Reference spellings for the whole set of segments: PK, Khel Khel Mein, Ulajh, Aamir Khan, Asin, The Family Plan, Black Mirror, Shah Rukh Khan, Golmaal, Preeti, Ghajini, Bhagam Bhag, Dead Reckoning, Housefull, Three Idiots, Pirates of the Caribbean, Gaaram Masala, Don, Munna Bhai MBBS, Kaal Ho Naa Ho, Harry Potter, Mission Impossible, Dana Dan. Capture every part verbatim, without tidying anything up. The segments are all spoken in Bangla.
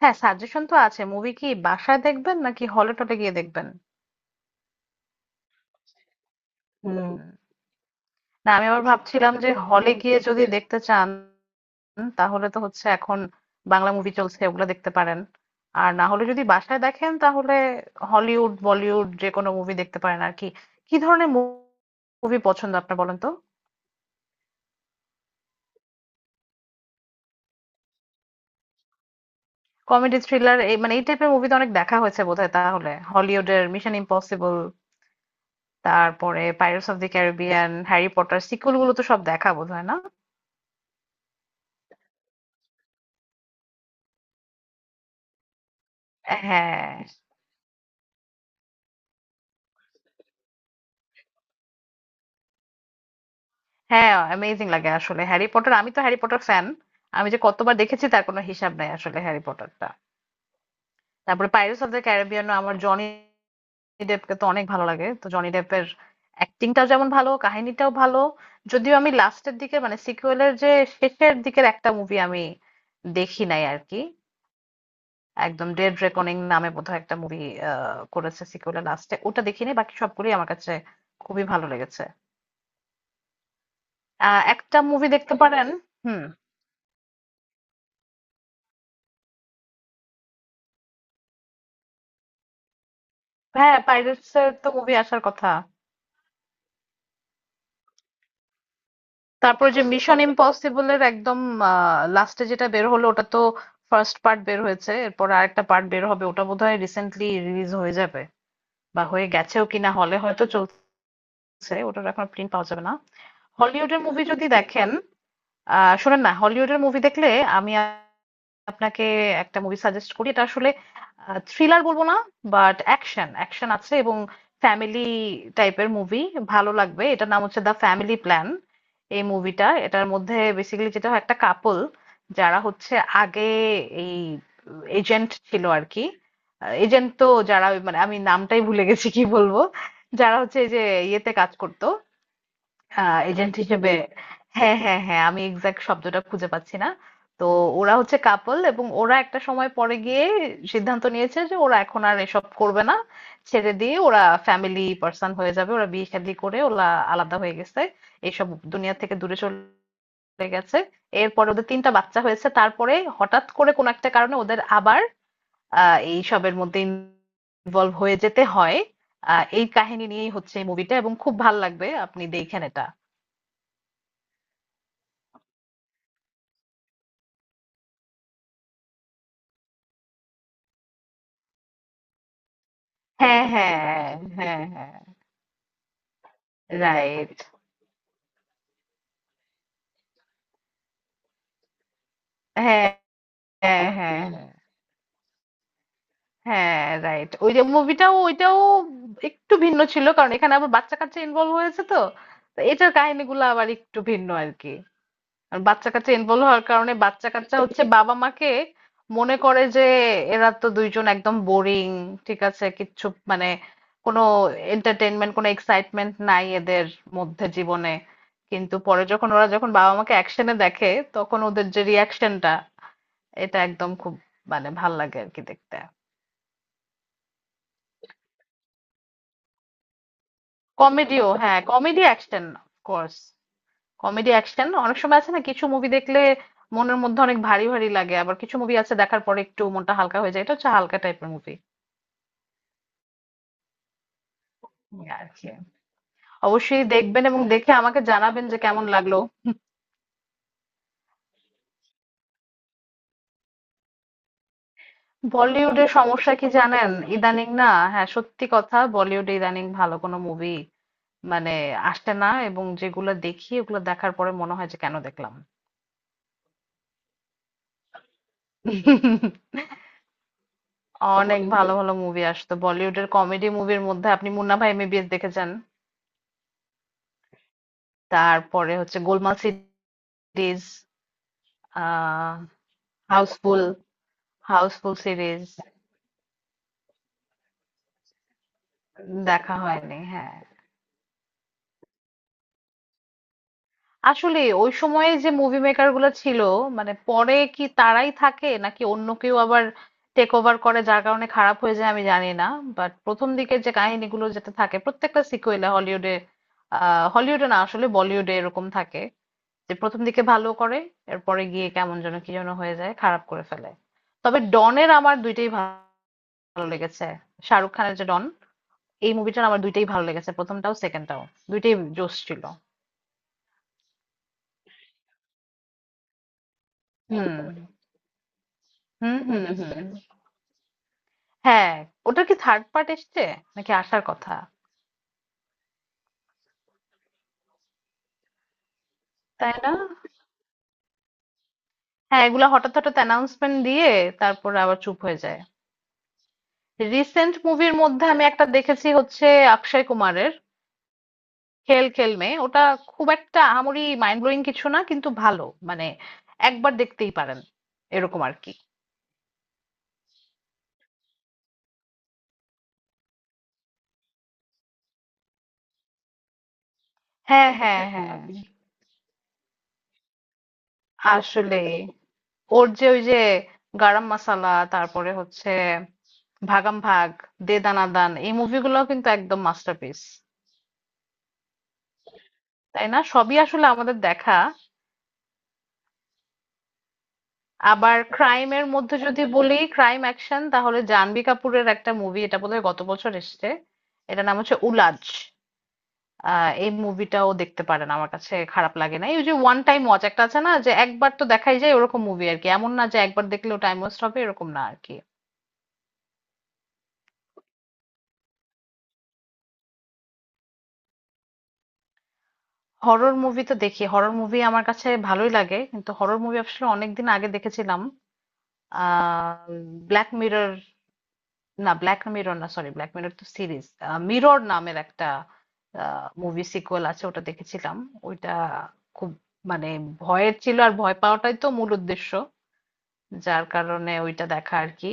হ্যাঁ, সাজেশন তো আছে। মুভি কি বাসায় দেখবেন নাকি হলে টলে গিয়ে দেখবেন? হুম। না, আমি আবার ভাবছিলাম যে হলে গিয়ে যদি দেখতে চান তাহলে তো হচ্ছে এখন বাংলা মুভি চলছে, ওগুলো দেখতে পারেন। আর না হলে যদি বাসায় দেখেন তাহলে হলিউড বলিউড যে কোনো মুভি দেখতে পারেন আর কি। কি ধরনের মুভি পছন্দ আপনার, বলেন তো? কমেডি থ্রিলার এই মানে এই টাইপের মুভি তো অনেক দেখা হয়েছে বোধহয়। তাহলে হলিউডের মিশন ইম্পসিবল, তারপরে Pirates of the Caribbean, Harry Potter sequel গুলো তো সব দেখা বোধহয়, না? হ্যাঁ হ্যাঁ, অ্যামেজিং লাগে আসলে হ্যারি পটার, আমি তো হ্যারি পটার ফ্যান। আমি যে কতবার দেখেছি তার কোনো হিসাব নাই আসলে হ্যারি পটারটা। তারপরে পাইরেটস অফ দ্য ক্যারিবিয়ান, আমার জনি ডেপকে তো অনেক ভালো লাগে, তো জনি ডেপের অ্যাক্টিংটাও যেমন ভালো, কাহিনীটাও ভালো। যদিও আমি লাস্টের দিকে মানে সিকুয়েলের যে শেষের দিকের একটা মুভি আমি দেখি নাই আর কি। একদম ডেড রেকনিং নামে বোধহয় একটা মুভি করেছে সিকুয়েলের লাস্টে, ওটা দেখিনি, বাকি সবগুলোই আমার কাছে খুবই ভালো লেগেছে। আহ, একটা মুভি দেখতে পারেন। হুম। হ্যাঁ, পাইরেটস এর তো মুভি আসার কথা। তারপর যে মিশন ইম্পসিবলের একদম লাস্টে যেটা বের হলো ওটা তো ফার্স্ট পার্ট বের হয়েছে, এরপর আরেকটা পার্ট বের হবে, ওটা বোধহয় রিসেন্টলি রিলিজ হয়ে যাবে বা হয়ে গেছেও কিনা, হলে হয়তো চলছে। ওটার এখন প্রিন্ট পাওয়া যাবে না। হলিউডের মুভি যদি দেখেন, আহ শোনেন না, হলিউডের মুভি দেখলে আমি আপনাকে একটা মুভি সাজেস্ট করি। এটা আসলে থ্রিলার বলবো না, বাট অ্যাকশন অ্যাকশন আছে এবং ফ্যামিলি টাইপের মুভি, ভালো লাগবে। এটার নাম হচ্ছে দ্য ফ্যামিলি প্ল্যান। এই মুভিটা, এটার মধ্যে বেসিক্যালি যেটা হয়, একটা কাপল যারা হচ্ছে আগে এই এজেন্ট ছিল আর কি। এজেন্ট তো যারা ওই মানে আমি নামটাই ভুলে গেছি, কি বলবো, যারা হচ্ছে এই যে ইয়েতে কাজ করতো। আহ এজেন্ট হিসেবে হ্যাঁ হ্যাঁ হ্যাঁ, আমি এক্সাক্ট শব্দটা খুঁজে পাচ্ছি না। তো ওরা হচ্ছে কাপল, এবং ওরা একটা সময় পরে গিয়ে সিদ্ধান্ত নিয়েছে যে ওরা এখন আর এসব করবে না, ছেড়ে দিয়ে ওরা ফ্যামিলি পার্সন হয়ে যাবে। ওরা বিয়ে শাদী করে ওরা আলাদা হয়ে গেছে, এইসব দুনিয়া থেকে দূরে চলে গেছে। এরপরে ওদের তিনটা বাচ্চা হয়েছে, তারপরে হঠাৎ করে কোনো একটা কারণে ওদের আবার আহ এইসবের মধ্যে ইনভলভ হয়ে যেতে হয়। আহ এই কাহিনী নিয়েই হচ্ছে মুভিটা, এবং খুব ভাল লাগবে, আপনি দেখেন এটা। হ্যাঁ, হ্যাঁ, হ্যাঁ, হ্যাঁ, right. হ্যাঁ, হ্যাঁ, হ্যাঁ, হ্যাঁ, right. ওই যে মুভিটাও, ওইটাও একটু ভিন্ন ছিল কারণ এখানে আবার বাচ্চা কাচ্চা ইনভলভ হয়েছে, তো তো এটার কাহিনীগুলো আবার একটু ভিন্ন আর কি। আর বাচ্চা কাচ্চা ইনভলভ হওয়ার কারণে বাচ্চা কাচ্চা হচ্ছে বাবা মাকে মনে করে যে এরা তো দুইজন একদম বোরিং, ঠিক আছে, কিচ্ছু মানে কোনো এন্টারটেনমেন্ট, কোনো এক্সাইটমেন্ট নাই এদের মধ্যে জীবনে। কিন্তু পরে যখন ওরা, যখন বাবা মাকে অ্যাকশনে দেখে, তখন ওদের যে রিয়াকশনটা, এটা একদম খুব মানে ভাল লাগে আর কি দেখতে। কমেডিও, হ্যাঁ, comedy action of course. Comedy action, অনেক সময় আছে না, কিছু মুভি দেখলে মনের মধ্যে অনেক ভারী ভারী লাগে, আবার কিছু মুভি আছে দেখার পরে একটু মনটা হালকা হয়ে যায়, এটা হচ্ছে হালকা টাইপের মুভি আর কি। অবশ্যই দেখবেন এবং দেখে আমাকে জানাবেন যে কেমন লাগলো। বলিউডের সমস্যা কি জানেন, ইদানিং না, হ্যাঁ সত্যি কথা, বলিউডে ইদানিং ভালো কোনো মুভি মানে আসছে না, এবং যেগুলো দেখি ওগুলো দেখার পরে মনে হয় যে কেন দেখলাম। অনেক ভালো ভালো মুভি আসতো বলিউডের। কমেডি মুভির মধ্যে আপনি মুন্না ভাই এম বি বি এস দেখে যান, তারপরে হচ্ছে Golmaal series, ah Housefull, Housefull series. দেখা হয়নি হ্যাঁ। আসলে ওই সময়ে যে মুভি মেকার গুলো ছিল, মানে পরে কি তারাই থাকে নাকি অন্য কেউ আবার টেক ওভার করে, যার কারণে খারাপ হয়ে যায়, আমি জানি না। বাট প্রথম দিকের যে কাহিনীগুলো যেটা থাকে প্রত্যেকটা সিকুয়েলে হলিউডে, আহ হলিউডে না আসলে বলিউডে, এরকম থাকে যে প্রথম দিকে ভালো করে, এরপরে গিয়ে কেমন যেন কি যেন হয়ে যায়, খারাপ করে ফেলে। তবে ডনের আমার দুইটাই ভালো লেগেছে। শাহরুখ খানের যে ডন, এই মুভিটার আমার দুইটাই ভালো লেগেছে, প্রথমটাও সেকেন্ডটাও, দুইটাই জোশ ছিল। হুম হুম হুম। হুম। হ্যাঁ। ওটা কি থার্ড পার্ট এসছে নাকি আসার কথা? তাই না? হ্যাঁ, এগুলা হঠাৎ হঠাৎ অ্যানাউন্সমেন্ট দিয়ে তারপর আবার চুপ হয়ে যায়। রিসেন্ট মুভির মধ্যে আমি একটা দেখেছি হচ্ছে অক্ষয় কুমারের খেল খেল মে। ওটা খুব একটা আহামরি মাইন্ড ব্লোয়িং কিছু না, কিন্তু ভালো, মানে একবার দেখতেই পারেন এরকম আর কি। হ্যাঁ হ্যাঁ হ্যাঁ। আসলে ওর যে ওই যে গারাম মাসালা, তারপরে হচ্ছে ভাগাম ভাগ, দে দানা দান, এই মুভিগুলো কিন্তু একদম মাস্টারপিস। তাই না, সবই আসলে আমাদের দেখা। আবার ক্রাইমের মধ্যে যদি বলি, ক্রাইম অ্যাকশন, তাহলে জাহ্নবী কাপুরের একটা মুভি, এটা বোধহয় গত বছর এসেছে, এটার নাম হচ্ছে উলাজ। আহ, এই মুভিটাও দেখতে পারেন, আমার কাছে খারাপ লাগে না। এই যে ওয়ান টাইম ওয়াচ একটা আছে না, যে একবার তো দেখাই যায়, ওরকম মুভি আর কি। এমন না যে একবার দেখলে টাইম ওয়েস্ট হবে, এরকম না আর কি। হরর মুভি তো দেখি, হরর মুভি আমার কাছে ভালোই লাগে, কিন্তু হরর মুভি আসলে অনেকদিন আগে দেখেছিলাম। আহ ব্ল্যাক মিরর, না ব্ল্যাক মিরর না, সরি, ব্ল্যাক মিরর তো সিরিজ। মিরর নামের একটা মুভি সিকুয়েল আছে, ওটা দেখেছিলাম। ওইটা খুব মানে ভয়ের ছিল, আর ভয় পাওয়াটাই তো মূল উদ্দেশ্য, যার কারণে ওইটা দেখা আর কি।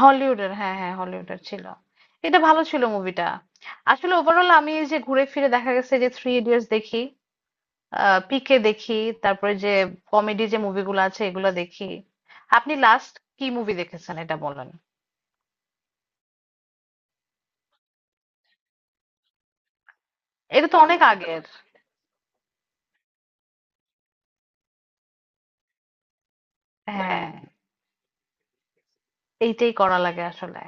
হলিউডের, হ্যাঁ হ্যাঁ, হলিউডের ছিল। এটা ভালো ছিল মুভিটা। আসলে ওভারঅল আমি এই যে ঘুরে ফিরে দেখা গেছে যে থ্রি ইডিয়টস দেখি, আহ পিকে দেখি, তারপরে যে কমেডি যে মুভিগুলো আছে এগুলো দেখি। আপনি লাস্ট কি মুভি দেখেছেন, এটা বলেন। এটা তো অনেক আগের। হ্যাঁ, এইটাই করা লাগে আসলে।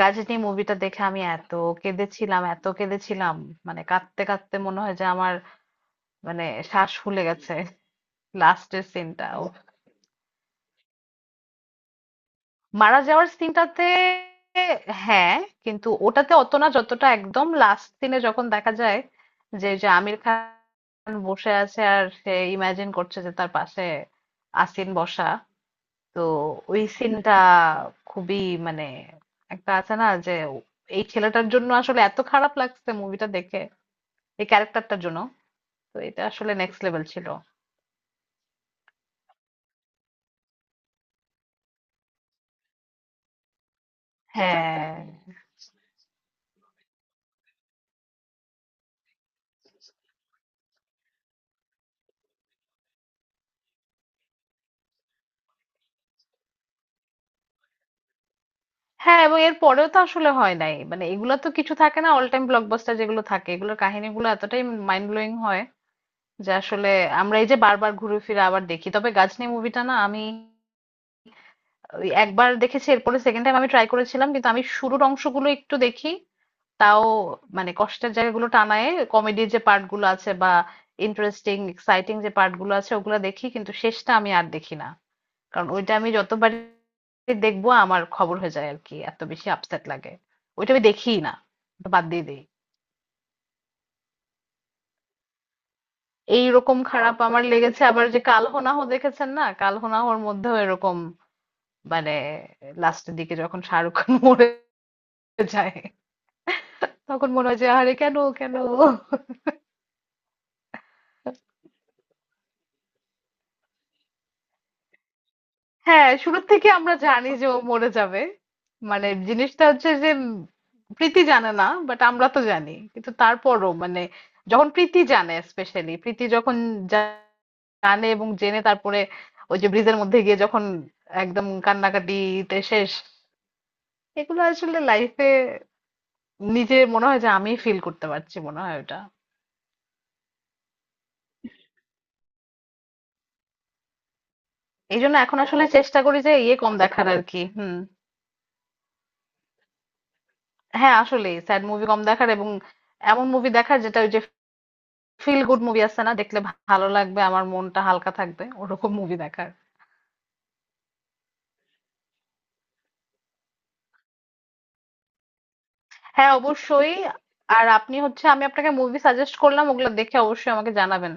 গাজনি মুভিটা দেখে আমি এত কেঁদেছিলাম, এত কেঁদেছিলাম, মানে কাঁদতে কাঁদতে মনে হয় যে আমার মানে শ্বাস ফুলে গেছে। লাস্টের সিনটা, মারা যাওয়ার সিনটাতে, হ্যাঁ। কিন্তু ওটাতে অত না, যতটা একদম লাস্ট সিনে যখন দেখা যায় যে, যে আমির খান বসে আছে আর সে ইমাজিন করছে যে তার পাশে আসিন বসা, তো ওই সিনটা খুবই মানে, একটা আছে না যে এই ছেলেটার জন্য আসলে এত খারাপ লাগছে মুভিটা দেখে, এই ক্যারেক্টারটার জন্য। তো এটা আসলে নেক্সট লেভেল ছিল। হ্যাঁ, হ্যাঁ, এবং এর পরেও তো আসলে হয় নাই। মানে এগুলা তো কিছু থাকে না, অল টাইম ব্লকবাস্টার যেগুলো থাকে এগুলোর কাহিনীগুলো এতটাই মাইন্ড ব্লোয়িং হয় যে আসলে আমরা এই যে বারবার ঘুরে ফিরে আবার দেখি। তবে গাজনি মুভিটা না আমি ওই একবার দেখেছি, এরপরে সেকেন্ড টাইম আমি ট্রাই করেছিলাম, কিন্তু আমি শুরুর অংশগুলো একটু দেখি, তাও মানে কষ্টের জায়গাগুলো টানায়। কমেডির যে পার্ট গুলো আছে বা ইন্টারেস্টিং এক্সাইটিং যে পার্ট গুলো আছে ওগুলো দেখি, কিন্তু শেষটা আমি আর দেখি না। কারণ ওইটা আমি যতবারই দেখবো আমার খবর হয়ে যায় আর কি, এত বেশি আপসেট লাগে, ওইটা আমি দেখিই না, ওটা বাদ দিয়ে দিই। এইরকম খারাপ আমার লেগেছে আবার, যে কাল হোনা হো দেখেছেন না, কাল হোনা হোর মধ্যেও এরকম, মানে লাস্টের দিকে যখন শাহরুখ খান মরে যায়, তখন মনে হয় যে আরে কেন, কেন? হ্যাঁ, শুরুর থেকে আমরা জানি যে ও মরে যাবে, মানে জিনিসটা হচ্ছে যে উম, প্রীতি জানে না, বাট আমরা তো জানি, কিন্তু তারপরও মানে যখন প্রীতি জানে, স্পেশালি প্রীতি যখন জা- জানে এবং জেনে তারপরে ওই যে ব্রিজের মধ্যে গিয়ে যখন একদম কান্নাকাটিতে শেষ, এগুলো আসলে লাইফে নিজে মনে হয় যে আমি ফিল করতে পারছি, মনে হয় ওটা। এই জন্য এখন আসলে চেষ্টা করি যে ইয়ে কম দেখার আর কি। হুম। হ্যাঁ, আসলে স্যাড মুভি কম দেখার, এবং এমন মুভি দেখার যেটা ওই যে ফিল গুড মুভি আছে না, দেখলে ভালো লাগবে, আমার মনটা হালকা থাকবে, ওরকম মুভি দেখার। হ্যাঁ অবশ্যই। আর আপনি হচ্ছে, আমি আপনাকে মুভি সাজেস্ট করলাম, ওগুলো দেখে অবশ্যই আমাকে জানাবেন।